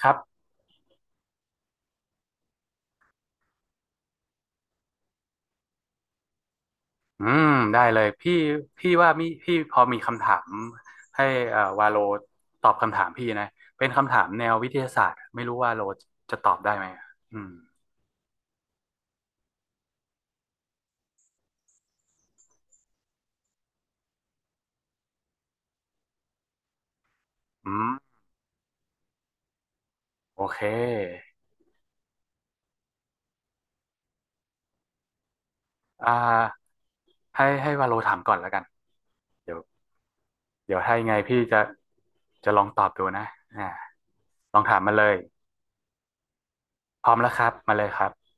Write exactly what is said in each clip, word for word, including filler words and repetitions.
ครับอืมได้เลยพี่พี่ว่ามีพี่พอมีคำถามให้เอ่อวาโลตอบคำถามพี่นะเป็นคำถามแนววิทยาศาสตร์ไม่รู้ว่าโลจะตอบได้ไหมอืมอืมโอเคอ่าให้ให้วาโลถามก่อนแล้วกันเดี๋ยวเดี๋ยวถ้ายังไงพี่จะจะลองตอบดูนะอ่าลองถามมาเลย พร้อมแล้วครับ มาเลยครับ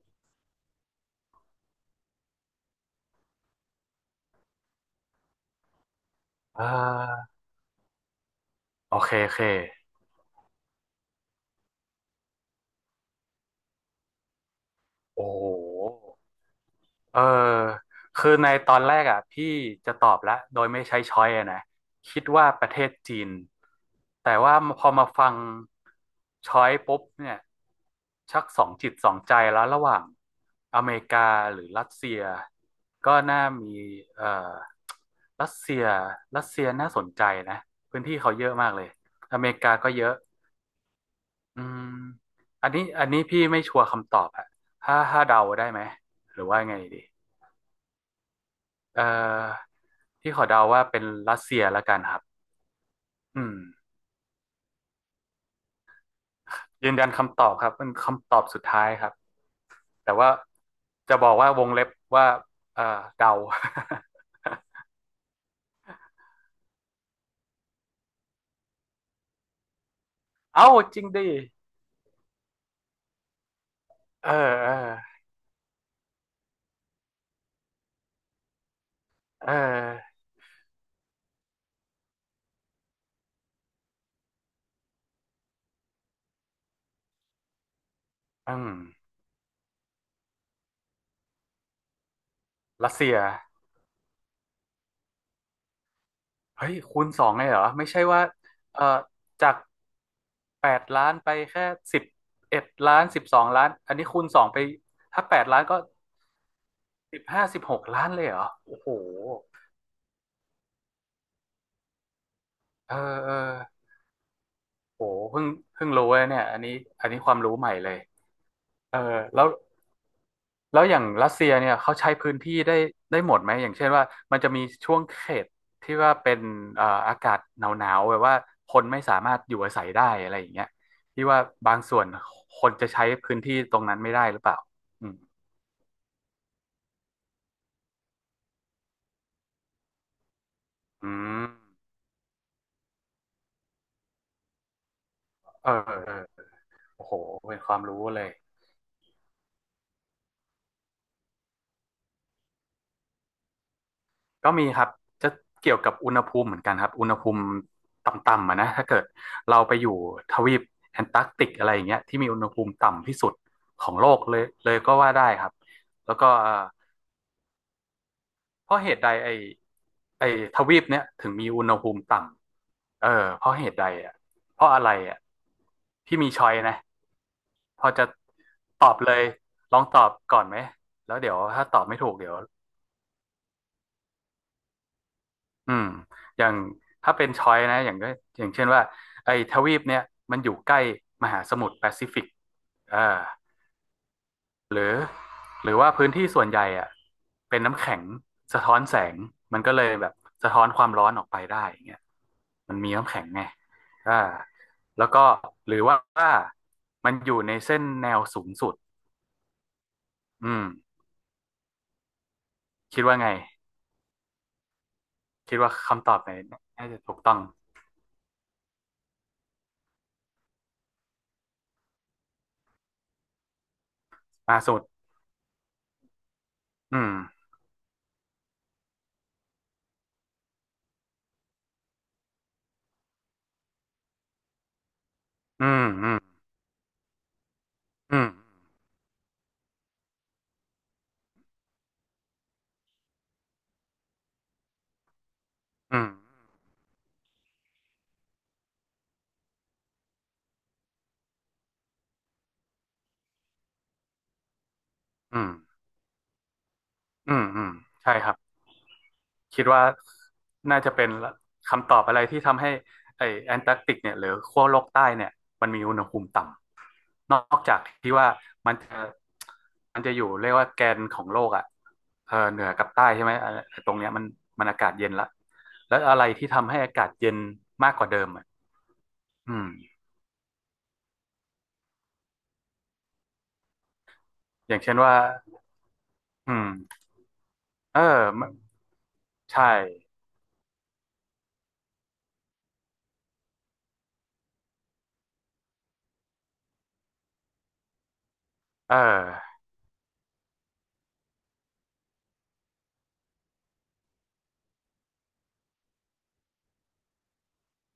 เออโอเคโอเคโอ้โห เออคือในตอนแรกอ่ะพี่จะตอบละโดยไม่ใช้ช้อยอะนะคิดว่าประเทศจีนแต่ว่าพอมาฟังช้อยปุ๊บเนี่ยชักสองจิตสองใจแล้วระหว่างอเมริกาหรือรัสเซียก็น่ามีเอ่อรัสเซียรัสเซียน่าสนใจนะพื้นที่เขาเยอะมากเลยอเมริกาก็เยอะอืมอันนี้อันนี้พี่ไม่ชัวร์คำตอบอะถ้าถ้าเดาได้ไหมหรือว่าไงดี เอ่อพี่ขอเดาว่าเป็นรัสเซียละกันครับอืมยืนยันคำตอบครับเป็นคำตอบสุดท้ายครับแต่ว่าจะบอกว่าวงเล็บว่าเอ่อเดา เอ้าจริงดิเออเออเอออืมรัสเซียเฮ้ยคูณสองเลยเหรอไม่ใช่ว่าเอ่อจากแปดล้านไปแค่สิบเอ็ดล้านสิบสองล้านอันนี้คูณสองไปถ้าแปดล้านก็สิบห้าสิบหกล้านเลยเหรอโอ้โหเออเออ โอ้เพิ่งเพิ่งรู้เลยเนี่ยอันนี้อันนี้ความรู้ใหม่เลยเออแล้วแล้วอย่างรัสเซียเนี่ยเขาใช้พื้นที่ได้ได้หมดไหมอย่างเช่นว่ามันจะมีช่วงเขตที่ว่าเป็นเอ่ออากาศหนาวหนาวแบบว่าคนไม่สามารถอยู่อาศัยได้อะไรอย่างเงี้ยที่ว่าบางส่วนคนจะใช้พื้นที่ตรงนั้นไม่ได้หรือเปล่าอืมอืมเออเออโอ้โหเป็นความรู้เลย ก็มีครับจะเกี่ยวกับอุณหภูมิเหมือนกันครับอุณหภูมิต่ำๆอะนะถ้าเกิดเราไปอยู่ทวีปแอนตาร์กติกอะไรอย่างเงี้ยที่มีอุณหภูมิต่ำที่สุดของโลกเลยเลยก็ว่าได้ครับแล้วก็เอ่อเพราะเหตุใดไอไอทวีปเนี้ยถึงมีอุณหภูมิต่ำเออเพราะเหตุใดอ่ะเพราะอะไรอ่ะพี่มีช้อยนะพอจะตอบเลยลองตอบก่อนไหมแล้วเดี๋ยวถ้าตอบไม่ถูกเดี๋ยว อืมอย่างถ้าเป็นช้อยนะอย่างก็อย่างเช่นว่าไอ้ทวีปเนี่ยมันอยู่ใกล้มหาสมุทรแปซิฟิกเอ่าหรือหรือว่าพื้นที่ส่วนใหญ่อ่ะเป็นน้ำแข็งสะท้อนแสงมันก็เลยแบบสะท้อนความร้อนออกไปได้อย่างเงี้ยมันมีน้ำแข็งไงอ่าแล้วก็หรือว่ามันอยู่ในเส้นแนวสูงสุดอืมคิดว่าไงคิดว่าคำตอบไหนน่าจะถูกต้องมากสุดอืมอืมอืมอืมอืมอืม อืมอืมใช่ครับคิดว่าน่าจะเป็นคำตอบอะไรที่ทำให้ไอแอนตาร์กติกเนี่ยหรือขั้วโลกใต้เนี่ยมันมีอุณหภูมิต่ำนอกจากที่ว่ามันจะมันจะอยู่เรียกว่าแกนของโลกอ่ะเออเหนือกับใต้ใช่ไหมเอ่ะตรงเนี้ยมันมันอากาศเย็นละแล้วอะไรที่ทำให้อากาศเย็นมากกว่าเดิมอ่ะอืมอย่างเช่นว่าอืมเออมันใช่เออ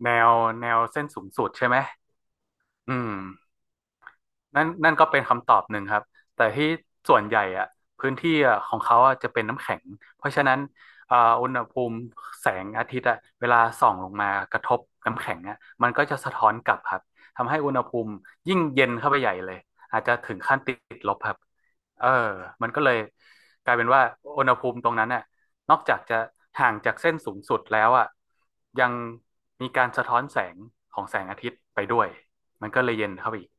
แนวแนวเส้นสูงสุดใช่ไหมอืม นั่นนั่นก็เป็นคำตอบหนึ่งครับแต่ที่ส่วนใหญ่อะพื้นที่อะของเขาอะจะเป็นน้ำแข็งเพราะฉะนั้นอ่าอุณหภูมิแสงอาทิตย์อะเวลาส่องลงมากระทบน้ำแข็งอะมันก็จะสะท้อนกลับครับทำให้อุณหภูมิยิ่งเย็นเข้าไปใหญ่เลยอาจจะถึงขั้นติดลบครับเออมันก็เลยกลายเป็นว่าอุณหภูมิตรงนั้นน่ะนอกจากจะห่างจากเส้นสูงสุดแล้วอ่ะยังมีการสะท้อนแสงของแสงอาทิตย์ไปด้วยมันก็เลยเย็นเข้าไปอีก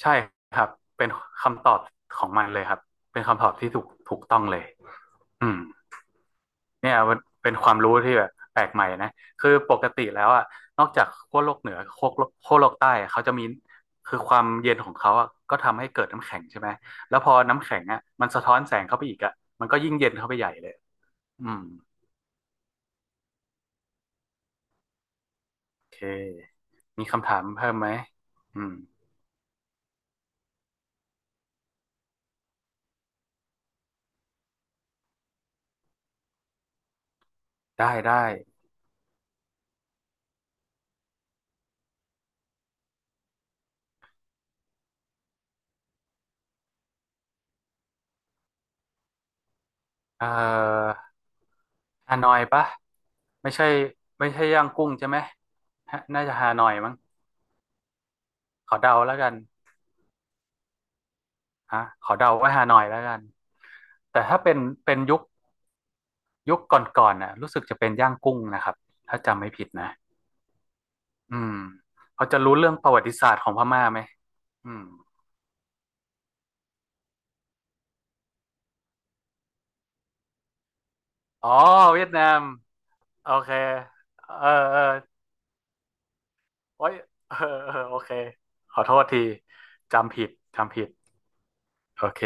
ใช่ครับเป็นคำตอบของมันเลยครับเป็นคำตอบที่ถูกถูกต้องเลยอืมเนี่ยมันเป็นความรู้ที่แบบแปลกใหม่นะคือปกติแล้วอ่ะนอกจากขั้วโลกเหนือขั้วโลกขั้วโลกใต้อะเขาจะมีคือความเย็นของเขาอ่ะก็ทำให้เกิดน้ำแข็งใช่ไหมแล้วพอน้ำแข็งอ่ะมันสะท้อนแสงเข้าไปอีกอ่ะมันก็ยิ่งเย็นเข้าไปใหญ่เลยอืมโอเคมีคำถามเพิ่มไหมอืมได้ได้เอ่อ ฮานอยปะไม่ใช่ไม่ใช่ย่างกุ้งใช่ไหมฮะน่าจะฮานอยมั้งขอเดาแล้วกันฮะขอเดาว่าฮานอยแล้วกันแต่ถ้าเป็นเป็นยุคยุคก่อนๆน่ะรู้สึกจะเป็นย่างกุ้งนะครับถ้าจำไม่ผิดนะอืมเขาจะรู้เรื่องประวัติศาสตร์ของพม่าไหมอืมอ๋อเวียดนามโอเคเออเออโอ้ยเออเออโอเคขอโทษทีจำผิดจำผิดโอเค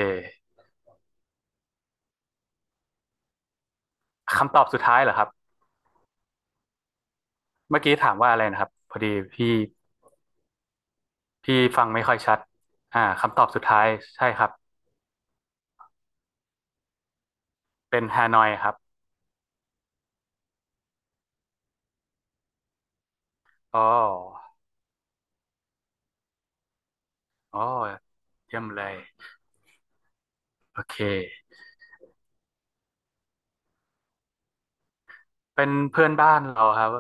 คำตอบสุดท้ายเหรอครับ เมื่อกี้ถามว่าอะไรนะครับพอดีพี่พี่ฟังไม่ค่อยชัดอ่าคำตอบสุดท้ายใช่ครับเป็นฮานอยครับอ๋ออ๋อเยี่ยมเลยโอเคเป็นเพื่อนบ้านเราครับ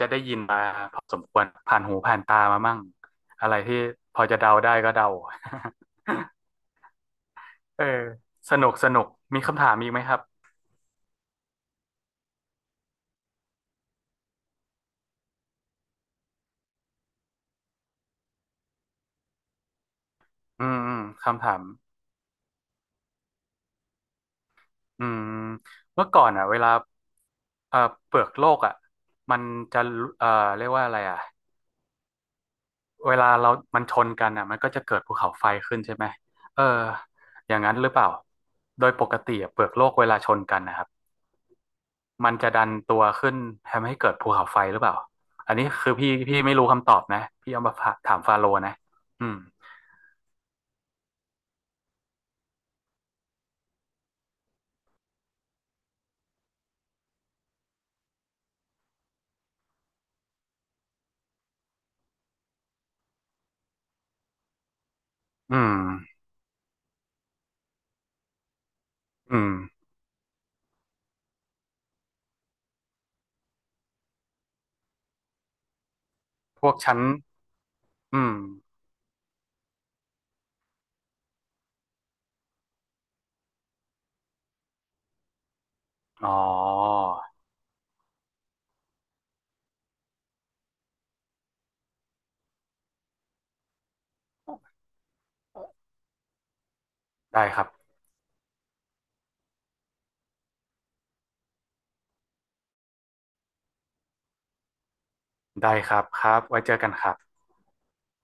จะได้ยินมาพอสมควรผ่านหูผ่านตามามั่งอะไรที่พอจะเดาได้ก็เดา เออสนุกสนุกมีคำถามอีกไหมครับอืมอืมคำถามอืมเมื่อก่อนอ่ะเวลาเอ่อเปลือกโลกอ่ะมันจะเอ่อเรียกว่าอะไรอ่ะ เวลาเรามันชนกันอ่ะมันก็จะเกิดภูเขาไฟขึ้นใช่ไหมเอออย่างนั้นหรือเปล่า โดยปกติอะเปลือกโลกเวลาชนกันนะครับ มันจะดันตัวขึ้นทำให้เกิดภูเขาไฟหรือเปล่า อันนี้คือพี่พี่ไม่รู้คำตอบนะ พี่เอามาฝากถามฟาโรห์นะอืมอืม อืม พวกชั้น อืมอ๋อได้ครับ ได้ครับครับไว้เจอกันครับ